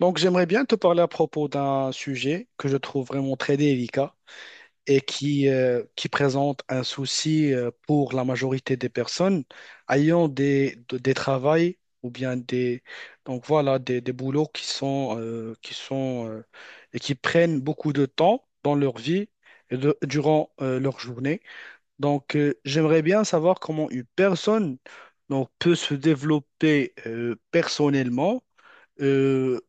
Donc, j'aimerais bien te parler à propos d'un sujet que je trouve vraiment très délicat et qui présente un souci pour la majorité des personnes ayant des travails ou bien donc voilà, des boulots qui sont et qui prennent beaucoup de temps dans leur vie et durant leur journée. Donc, j'aimerais bien savoir comment une personne donc, peut se développer personnellement euh,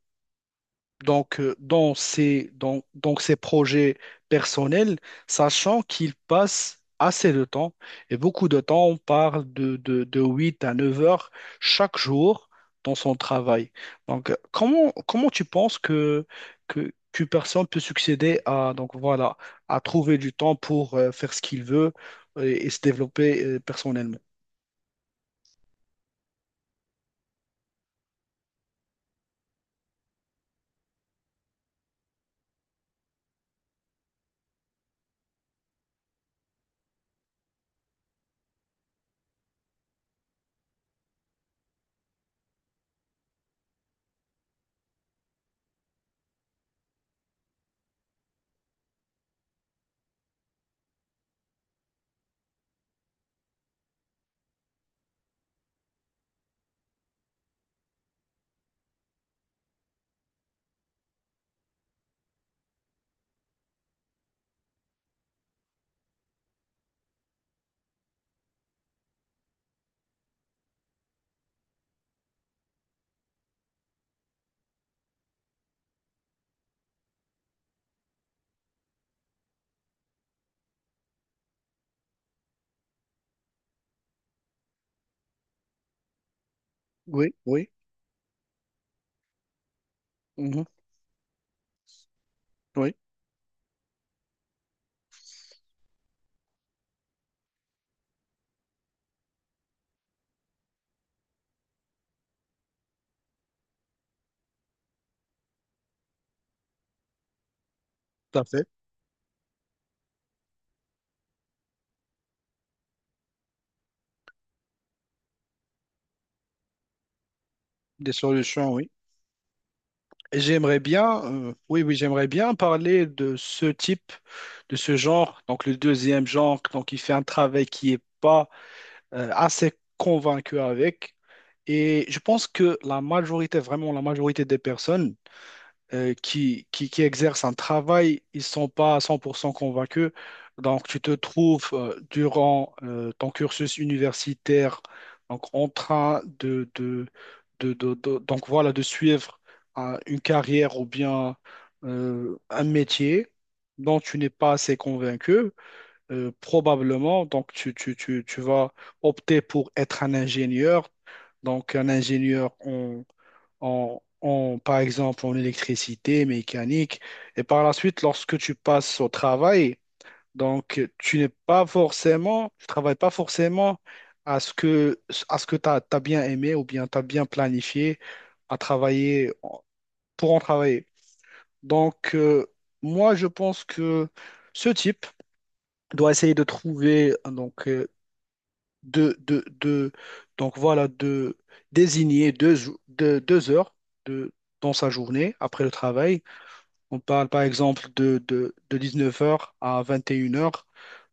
dans donc ces projets personnels, sachant qu'ils passent assez de temps, et beaucoup de temps, on parle de 8 à 9 heures chaque jour dans son travail. Donc, comment tu penses qu'une personne peut succéder à, donc voilà, à trouver du temps pour faire ce qu'il veut et se développer personnellement? Oui, oui, mhm, oui, tout à fait. Des solutions, oui. J'aimerais bien, oui, oui, j'aimerais bien parler de ce type, de ce genre, donc le deuxième genre, donc il fait un travail qui est pas assez convaincu avec. Et je pense que la majorité, vraiment la majorité des personnes, qui exercent un travail, ils ne sont pas à 100% convaincus. Donc, tu te trouves durant ton cursus universitaire donc, en train donc, voilà, de suivre une carrière ou bien un métier dont tu n'es pas assez convaincu. Probablement, donc, tu vas opter pour être un ingénieur. Donc, un ingénieur par exemple, en électricité, mécanique. Et par la suite, lorsque tu passes au travail, donc tu n'es pas forcément, tu travailles pas forcément à ce que, à ce que tu as bien aimé ou bien tu as bien planifié à travailler pour en travailler. Donc, moi, je pense que ce type doit essayer de trouver donc, de, de, de- donc voilà, de désigner deux heures de, dans sa journée après le travail. On parle par exemple de dix-neuf heures à 21 heures.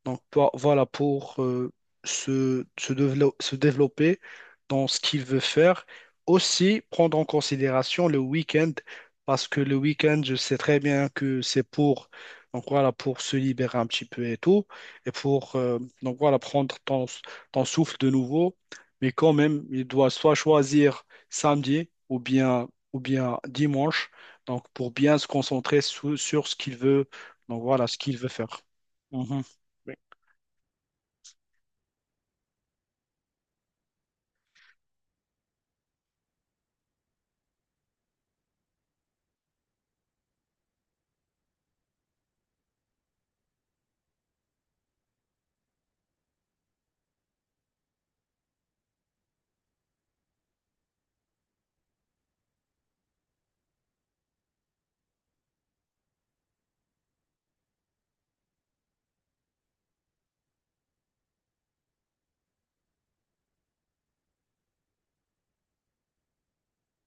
Donc voilà, pour se développer dans ce qu'il veut faire. Aussi, prendre en considération le week-end, parce que le week-end, je sais très bien que c'est pour, donc voilà, pour se libérer un petit peu et tout, et pour donc voilà, prendre ton, ton souffle de nouveau. Mais quand même, il doit soit choisir samedi ou bien dimanche donc, pour bien se concentrer sur ce qu'il veut, donc voilà, ce qu'il veut faire. Mhm. Oui,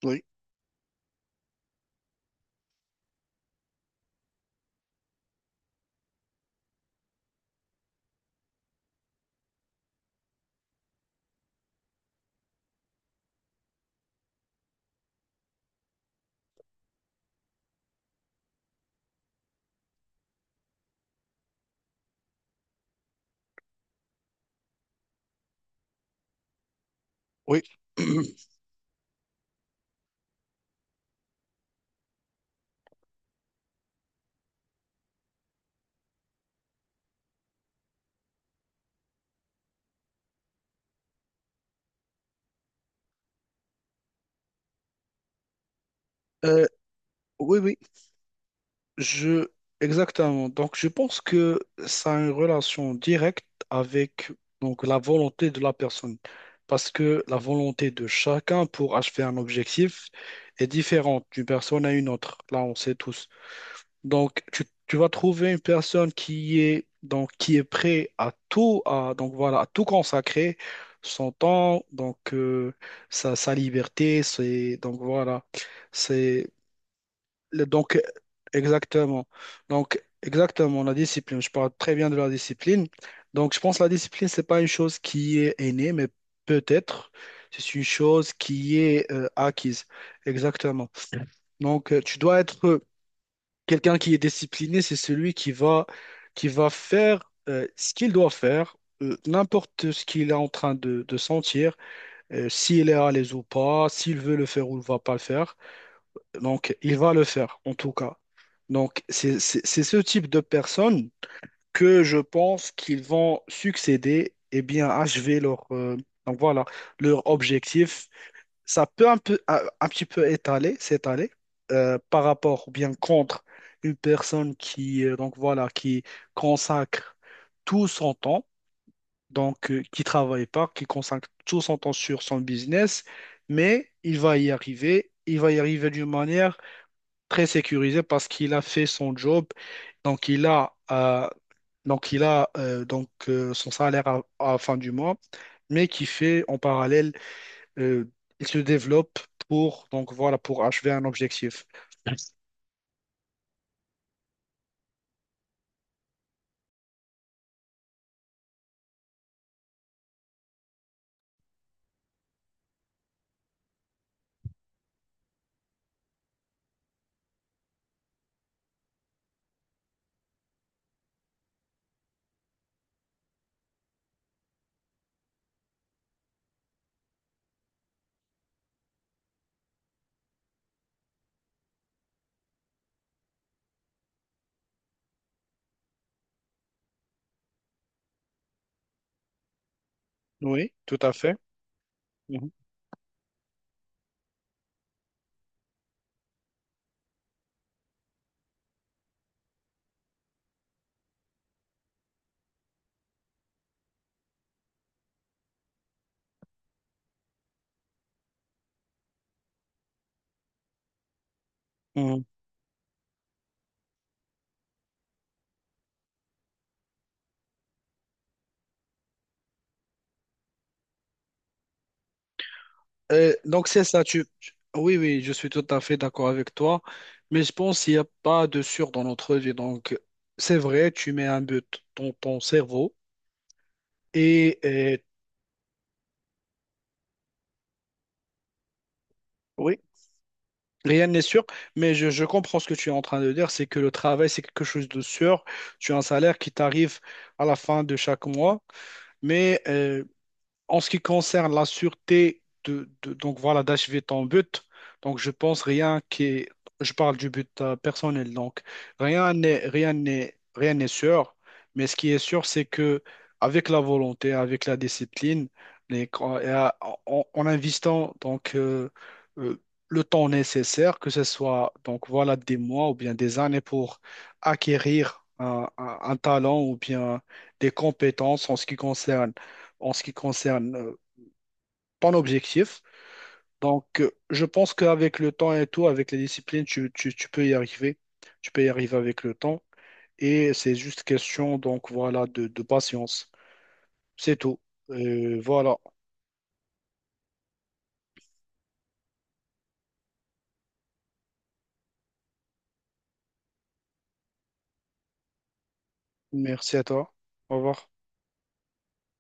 oui, oui. Euh, oui, oui, je... Exactement. Donc, je pense que ça a une relation directe avec donc, la volonté de la personne. Parce que la volonté de chacun pour achever un objectif est différente d'une personne à une autre. Là, on sait tous. Donc, tu vas trouver une personne qui est, donc, qui est prêt à tout, à, donc, voilà, à tout consacrer, son temps, donc, sa, sa liberté, c'est, donc, voilà, c'est, donc, exactement. Donc, exactement, la discipline, je parle très bien de la discipline. Donc, je pense que la discipline, c'est pas une chose qui est innée, mais peut-être, c'est une chose qui est acquise. Exactement. Donc, tu dois être quelqu'un qui est discipliné, c'est celui qui va faire ce qu'il doit faire, n'importe ce qu'il est en train de sentir, s'il est à l'aise ou pas, s'il veut le faire ou ne va pas le faire. Donc, il va le faire, en tout cas. Donc, c'est ce type de personnes que je pense qu'ils vont succéder et bien achever leur, donc voilà, leur objectif. Ça peut un peu, un petit peu étaler, s'étaler par rapport ou bien contre une personne qui, donc voilà, qui consacre tout son temps, donc qui travaille pas, qui consacre tout son temps sur son business, mais il va y arriver, il va y arriver d'une manière très sécurisée parce qu'il a fait son job, donc donc il a donc son salaire à la fin du mois, mais qui fait en parallèle euh, il se développe pour, donc voilà, pour achever un objectif. Oui, tout à fait. Mhm. Mhm. Donc c'est ça, tu... Oui, oui, je suis tout à fait d'accord avec toi, mais je pense qu'il n'y a pas de sûr dans notre vie. Donc c'est vrai, tu mets un but dans ton cerveau et oui, rien n'est sûr, mais je comprends ce que tu es en train de dire, c'est que le travail, c'est quelque chose de sûr. Tu as un salaire qui t'arrive à la fin de chaque mois, mais en ce qui concerne la sûreté donc voilà d'achever ton but, donc je pense rien qui est, je parle du but personnel donc rien n'est sûr, mais ce qui est sûr c'est que avec la volonté, avec la discipline, les- et à- en investissant euh, le temps nécessaire, que ce soit donc voilà des mois ou bien des années pour acquérir un talent ou bien des compétences en ce qui concerne en ce qui concerne euh, ton objectif. Donc, je pense qu'avec le temps et tout, avec les disciplines, tu peux y arriver. Tu peux y arriver avec le temps. Et c'est juste question, donc voilà, de patience. C'est tout. Voilà. Merci à toi. Au revoir.